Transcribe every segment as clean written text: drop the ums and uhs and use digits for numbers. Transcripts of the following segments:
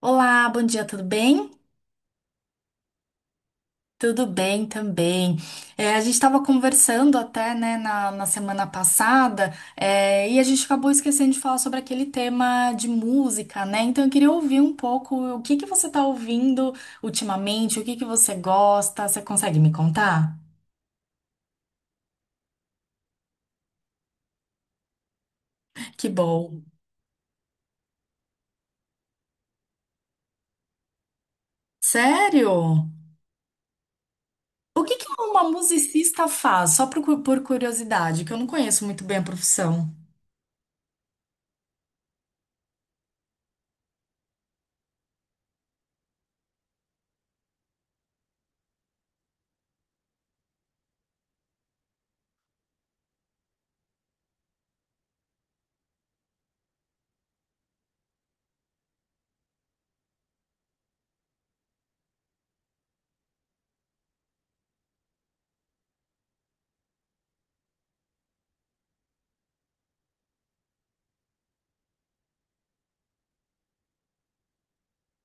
Olá, bom dia, tudo bem? Tudo bem também. A gente estava conversando até, né, na semana passada, e a gente acabou esquecendo de falar sobre aquele tema de música, né? Então eu queria ouvir um pouco o que que você está ouvindo ultimamente, o que que você gosta, você consegue me contar? Que bom. Sério? O que que uma musicista faz? Por curiosidade, que eu não conheço muito bem a profissão.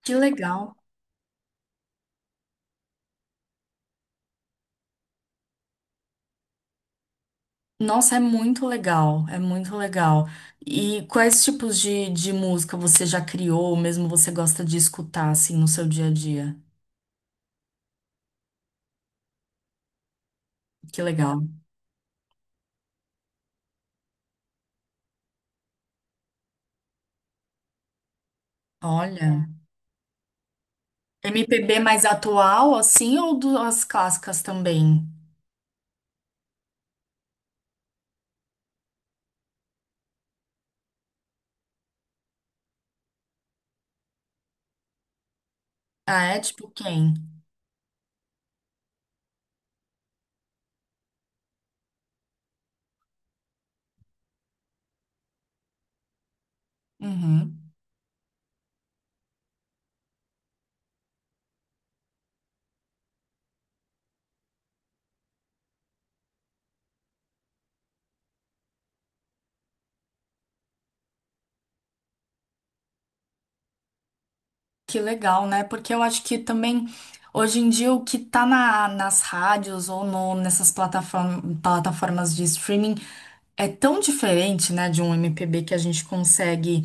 Que legal. Nossa, é muito legal, é muito legal. E quais tipos de música você já criou, ou mesmo você gosta de escutar, assim, no seu dia a dia? Que legal. Olha, MPB mais atual, assim, ou das clássicas também? Ah, é? Tipo quem? Uhum. Que legal, né? Porque eu acho que também, hoje em dia, o que tá na, nas rádios ou no, plataformas de streaming é tão diferente, né, de um MPB que a gente consegue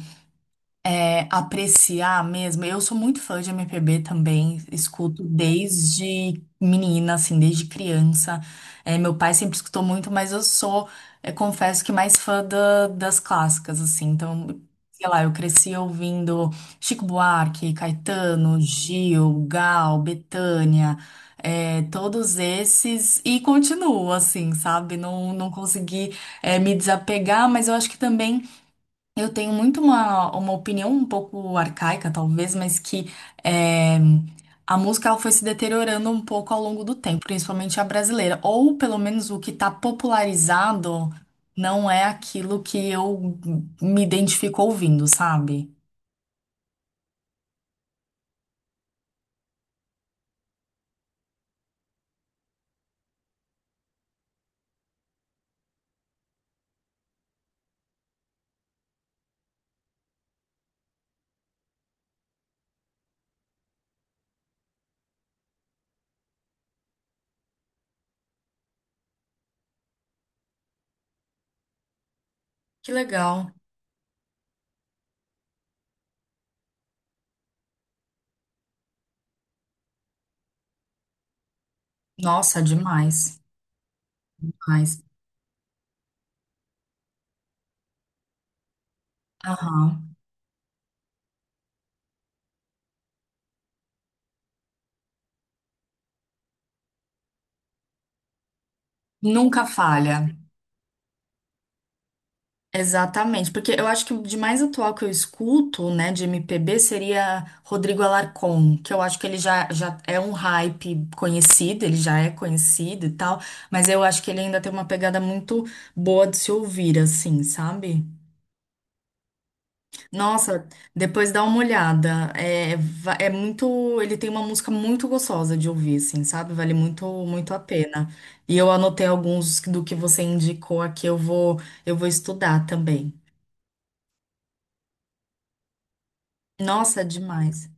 apreciar mesmo. Eu sou muito fã de MPB também, escuto desde menina, assim, desde criança. É, meu pai sempre escutou muito, mas confesso que mais fã das clássicas, assim. Então, sei lá, eu cresci ouvindo Chico Buarque, Caetano, Gil, Gal, Bethânia, é, todos esses, e continuo, assim, sabe? Não, consegui, me desapegar, mas eu acho que também eu tenho muito uma opinião um pouco arcaica, talvez, mas que é, a música ela foi se deteriorando um pouco ao longo do tempo, principalmente a brasileira. Ou pelo menos o que está popularizado não é aquilo que eu me identifico ouvindo, sabe? Que legal. Nossa, demais. Demais. Aham. Nunca falha. Exatamente, porque eu acho que o de mais atual que eu escuto, né, de MPB seria Rodrigo Alarcon, que eu acho que ele já é um hype conhecido, ele já é conhecido e tal, mas eu acho que ele ainda tem uma pegada muito boa de se ouvir, assim, sabe? Nossa, depois dá uma olhada, é muito, ele tem uma música muito gostosa de ouvir, assim, sabe? Vale muito, muito a pena. E eu anotei alguns do que você indicou aqui, eu vou estudar também. Nossa, é demais.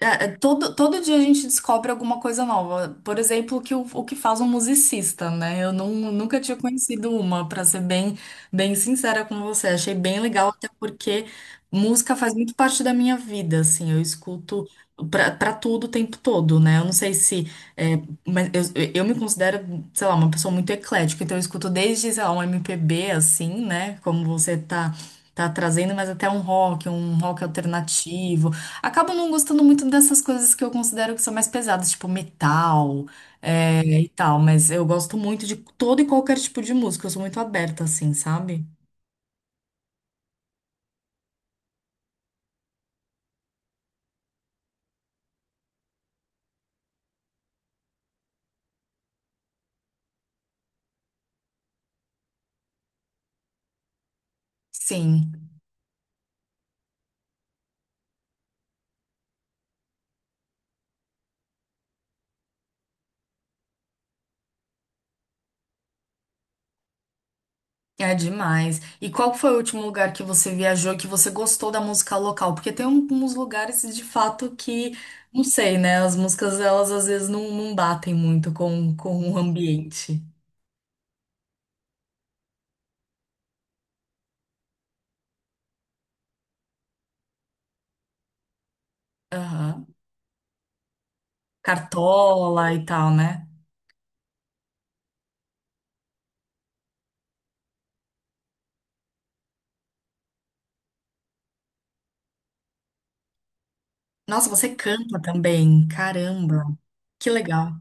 Todo dia a gente descobre alguma coisa nova. Por exemplo, que, o que faz um musicista, né? Eu não, Nunca tinha conhecido uma, para ser bem sincera com você. Achei bem legal, até porque música faz muito parte da minha vida, assim. Eu escuto pra tudo o tempo todo, né? Eu não sei se. É, mas eu me considero, sei lá, uma pessoa muito eclética. Então eu escuto desde, sei lá, um MPB, assim, né? Como você tá. Tá trazendo, mas até um rock alternativo. Acabo não gostando muito dessas coisas que eu considero que são mais pesadas, tipo metal, é, e tal, mas eu gosto muito de todo e qualquer tipo de música, eu sou muito aberta, assim, sabe? Sim, é demais. E qual foi o último lugar que você viajou que você gostou da música local? Porque tem alguns lugares de fato que, não sei, né? As músicas elas às vezes não, não batem muito com o ambiente. Aham. Cartola e tal, né? Nossa, você canta também. Caramba, que legal.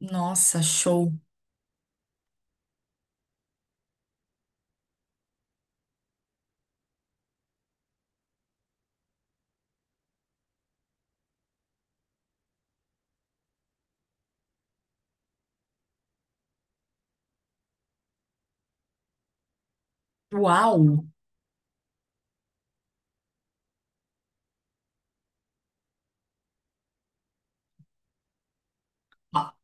Nossa, show. Uau! Ah,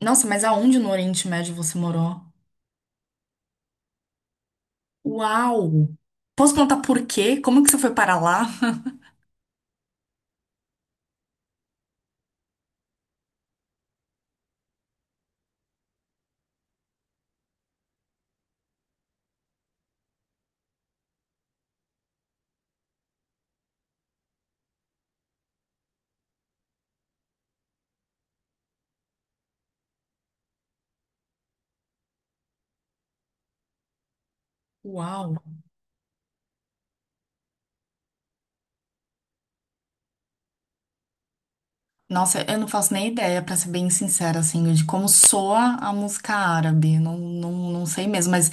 nossa, mas aonde no Oriente Médio você morou? Uau! Posso contar por quê? Como que você foi para lá? Uau! Nossa, eu não faço nem ideia, pra ser bem sincera, assim, de como soa a música árabe. Não, sei mesmo, mas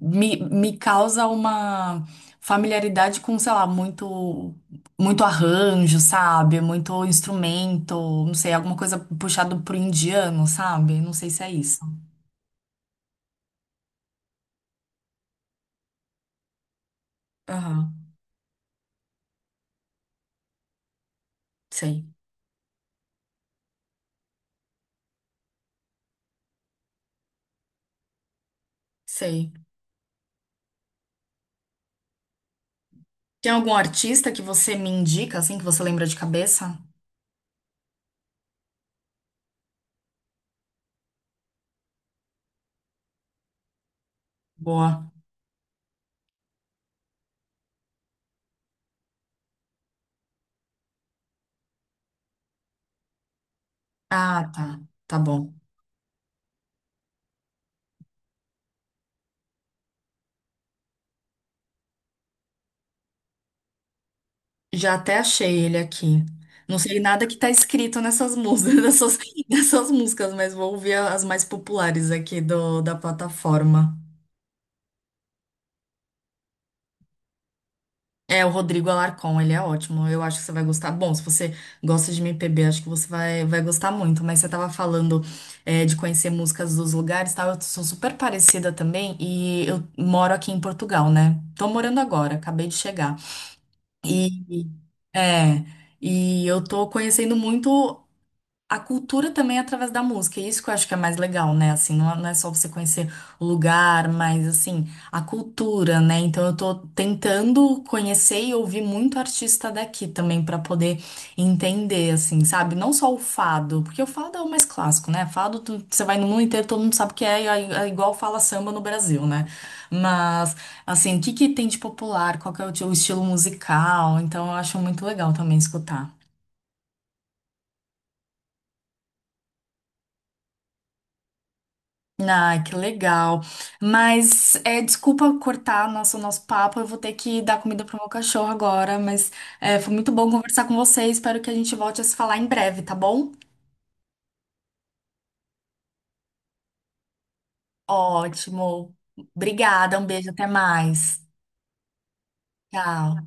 me causa uma familiaridade com, sei lá, muito, muito arranjo, sabe? Muito instrumento, não sei, alguma coisa puxado pro indiano, sabe? Não sei se é isso. Aham. Sei, sei. Tem algum artista que você me indica, assim, que você lembra de cabeça? Boa. Ah, tá. Tá bom. Já até achei ele aqui. Não sei nada que tá escrito nessas músicas, nessas músicas, mas vou ouvir as mais populares aqui do, da plataforma. É, o Rodrigo Alarcon, ele é ótimo. Eu acho que você vai gostar. Bom, se você gosta de MPB, acho que você vai gostar muito. Mas você tava falando, é, de conhecer músicas dos lugares, e tal. Eu sou super parecida também e eu moro aqui em Portugal, né? Tô morando agora, acabei de chegar. E, é, e eu tô conhecendo muito. A cultura também é através da música, é isso que eu acho que é mais legal, né? Assim, não é só você conhecer o lugar, mas assim, a cultura, né? Então eu tô tentando conhecer e ouvir muito artista daqui também pra poder entender, assim, sabe? Não só o fado, porque o fado é o mais clássico, né? Fado, você vai no mundo inteiro, todo mundo sabe o que é, é igual fala samba no Brasil, né? Mas, assim, o que que tem de popular? Qual que é o teu estilo musical? Então eu acho muito legal também escutar. Ah, que legal. Mas é, desculpa cortar nosso papo, eu vou ter que dar comida pro meu cachorro agora, mas é, foi muito bom conversar com você, espero que a gente volte a se falar em breve, tá bom? Ótimo. Obrigada, um beijo, até mais. Tchau.